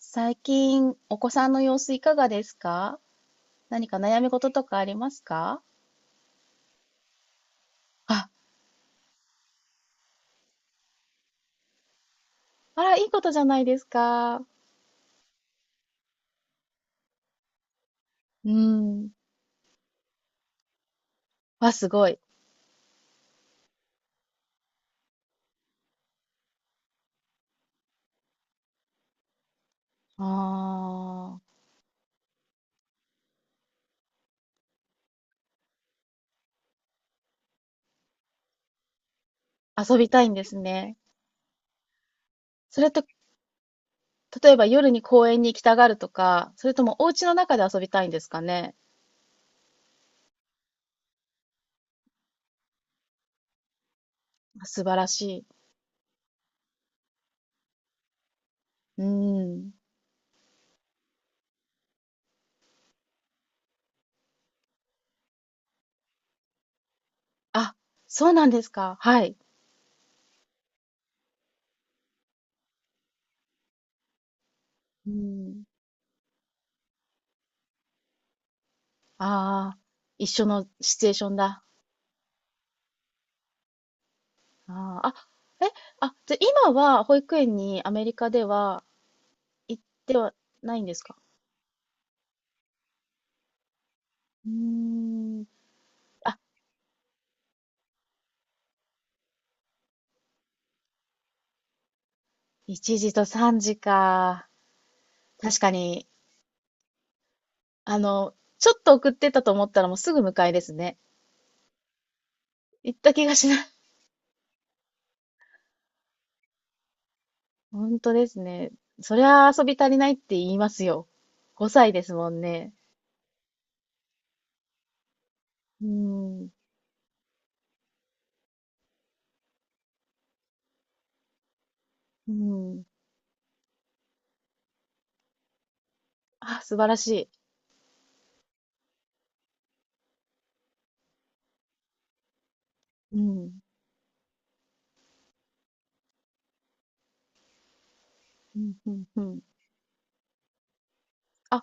最近、お子さんの様子いかがですか？何か悩み事とかありますか？あ、あら、いいことじゃないですか。うん。わ、すごい。ああ、遊びたいんですね。それと、例えば夜に公園に行きたがるとか、それともお家の中で遊びたいんですかね。素晴らしい。うん。あ、そうなんですか。はい。うん。ああ、一緒のシチュエーションだ。あーあ、え、あ、じゃあ今は保育園にアメリカでは行ってはないんですか？うーん。あ、1時と3時か。確かに、あの、ちょっと送ってたと思ったらもうすぐ迎えですね。行った気がしない。本当ですね。そりゃ遊び足りないって言いますよ。5歳ですもんね。うん。うん。あ、素晴らしい。うん。うん、うん、うん。あ、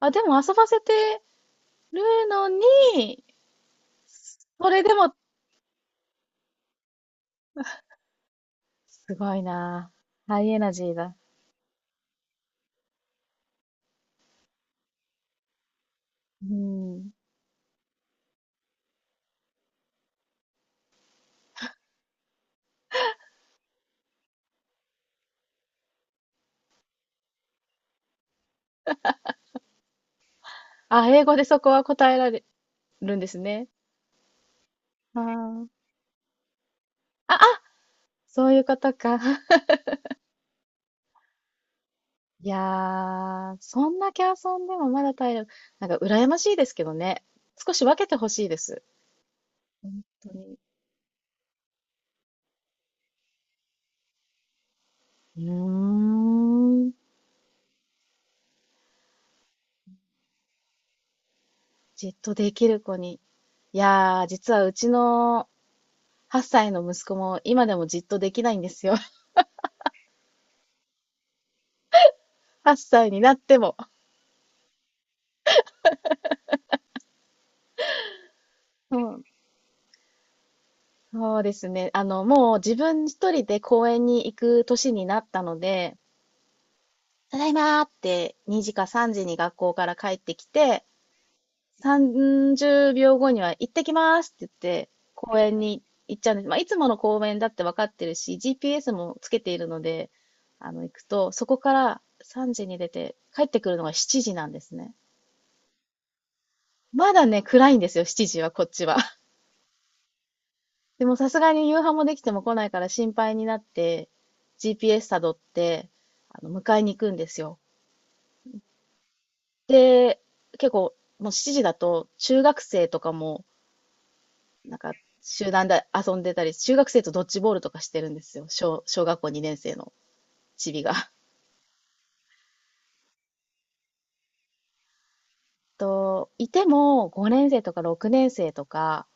あ、でも遊ばせてるのに、これでも、すごいな。ハイエナジーだ。うん。あ、英語でそこは答えられるんですね。あーあ、あ、そういうことか。いやー、そんだけ遊んでもまだ体力、なんか羨ましいですけどね。少し分けてほしいです。本当に。うーん。じっとできる子に。いやー、実はうちの8歳の息子も今でもじっとできないんですよ。8歳になっても。うん。そうですね。あの、もう自分一人で公園に行く年になったので、ただいまーって2時か3時に学校から帰ってきて、30秒後には行ってきますって言って、公園に行っちゃうんです。まあ、いつもの公園だって分かってるし、GPS もつけているので、行くと、そこから3時に出て、帰ってくるのが7時なんですね。まだね、暗いんですよ、7時は、こっちは。でもさすがに夕飯もできても来ないから心配になって、GPS 辿って、迎えに行くんですよ。で、結構、もう7時だと、中学生とかも、なんか、集団で遊んでたり、中学生とドッジボールとかしてるんですよ。小学校2年生のチビが。と、いても5年生とか6年生とか、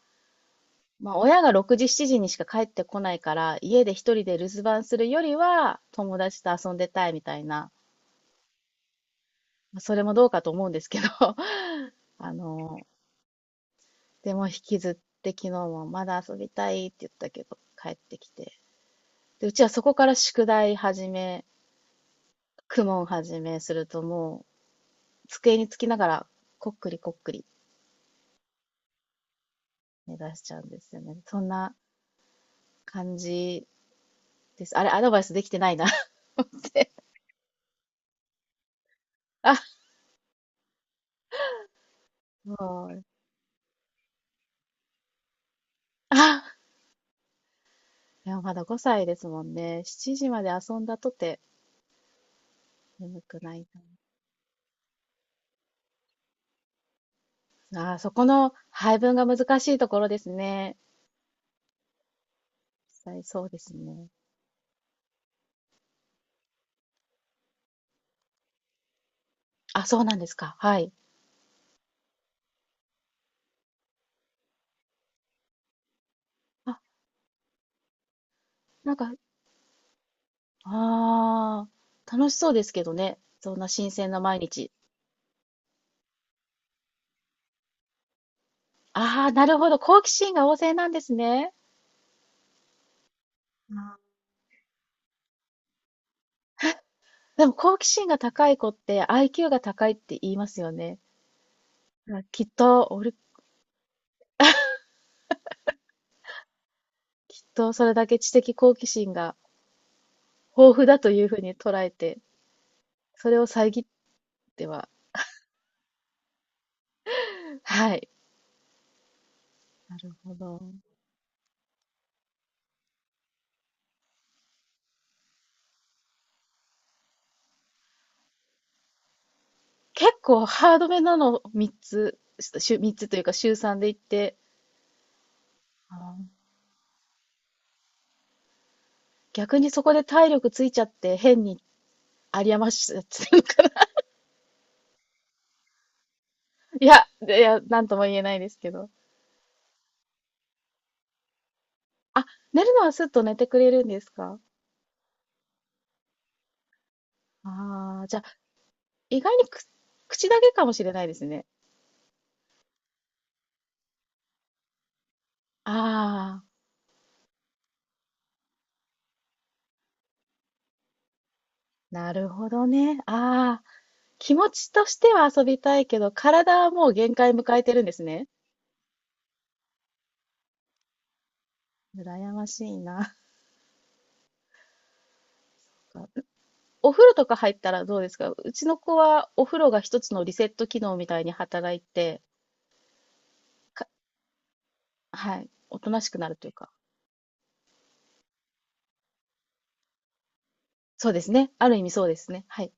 まあ、親が6時、7時にしか帰ってこないから、家で一人で留守番するよりは、友達と遊んでたいみたいな、まあそれもどうかと思うんですけど、あの、でも引きずって昨日もまだ遊びたいって言ったけど、帰ってきて、で、うちはそこから宿題始め、公文始めするともう机につきながらこっくりこっくり目指しちゃうんですよね。そんな感じです。あれ、アドバイスできてないな 思って。あ、もう、あ、いや、まだ5歳ですもんね。7時まで遊んだとて眠くないな。あー、そこの配分が難しいところですね。実際そうですね。あ、そうなんですか。はい。あ、なんか、ああ、楽しそうですけどね。そんな新鮮な毎日。ああ、なるほど。好奇心が旺盛なんですね。あでも好奇心が高い子って IQ が高いって言いますよね。だからきっとそれだけ知的好奇心が豊富だというふうに捉えて、それを遮っては。はい。なるほど。結構ハードめなの3つ、週3つというか週3で行って、あー逆にそこで体力ついちゃって変に有り余しちゃってるのかな。いや、いや、なんとも言えないですけど。あ、寝るのはすっと寝てくれるんですか？ああー、じゃあ、意外に口だけかもしれないですね。ああ、なるほどね。ああ、気持ちとしては遊びたいけど、体はもう限界迎えてるんですね。羨ましいな。お風呂とか入ったらどうですか？うちの子はお風呂が一つのリセット機能みたいに働いて、か、はい、おとなしくなるというか。そうですね。ある意味そうですね。はい。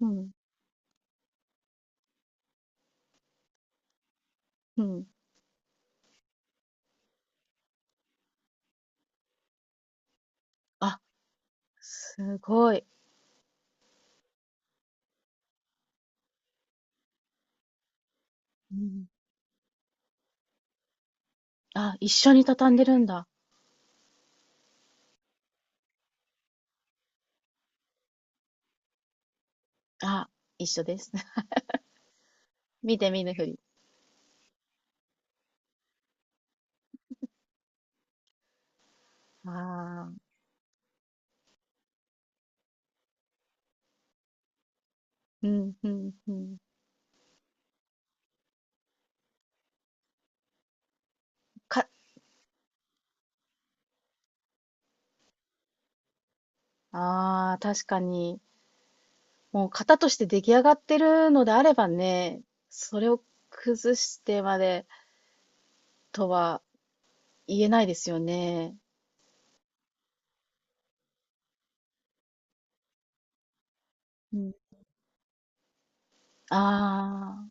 うん、うん。あ、すごい。うん。あ、一緒に畳んでるんだ。あ、一緒です。見て見ぬふり。ああ、うん、うん、うん。か、ああ、確かに。もう型として出来上がってるのであればね、それを崩してまでとは言えないですよね。うん。ああ、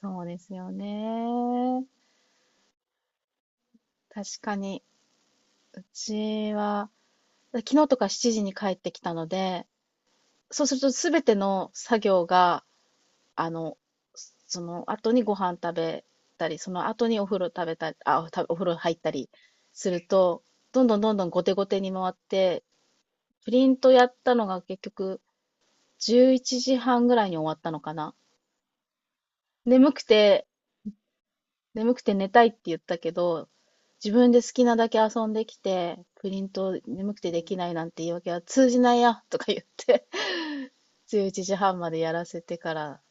そうですよね。確かに、うちは、昨日とか7時に帰ってきたので、そうするとすべての作業が、あの、その後にご飯食べたり、その後にお風呂食べたり、あ、お風呂入ったりすると、どんどんどんどん後手後手に回って、プリントやったのが結局11時半ぐらいに終わったのかな。眠くて、眠くて寝たいって言ったけど、自分で好きなだけ遊んできて、プリント眠くてできないなんて言い訳は通じないや、とか言って、11時半までやらせてから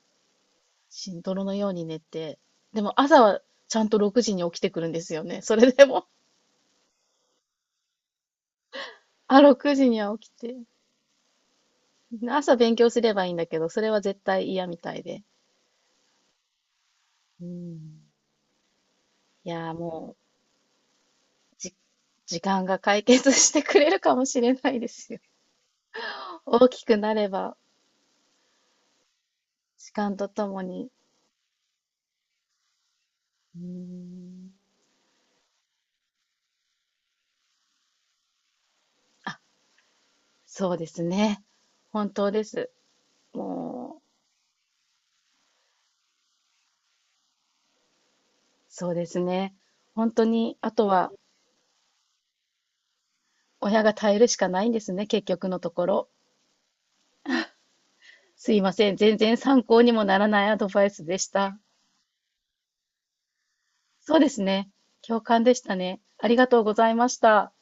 しんどろのように寝て、でも朝はちゃんと6時に起きてくるんですよね。それでも あ、6時には起きて。朝勉強すればいいんだけど、それは絶対嫌みたいで。うん。いやーもう、時間が解決してくれるかもしれないですよ。大きくなれば、時間とともに。うん。あ、そうですね。本当です。もう、そうですね。本当に、あとは、親が耐えるしかないんですね、結局のところ。すいません。全然参考にもならないアドバイスでした。そうですね。共感でしたね。ありがとうございました。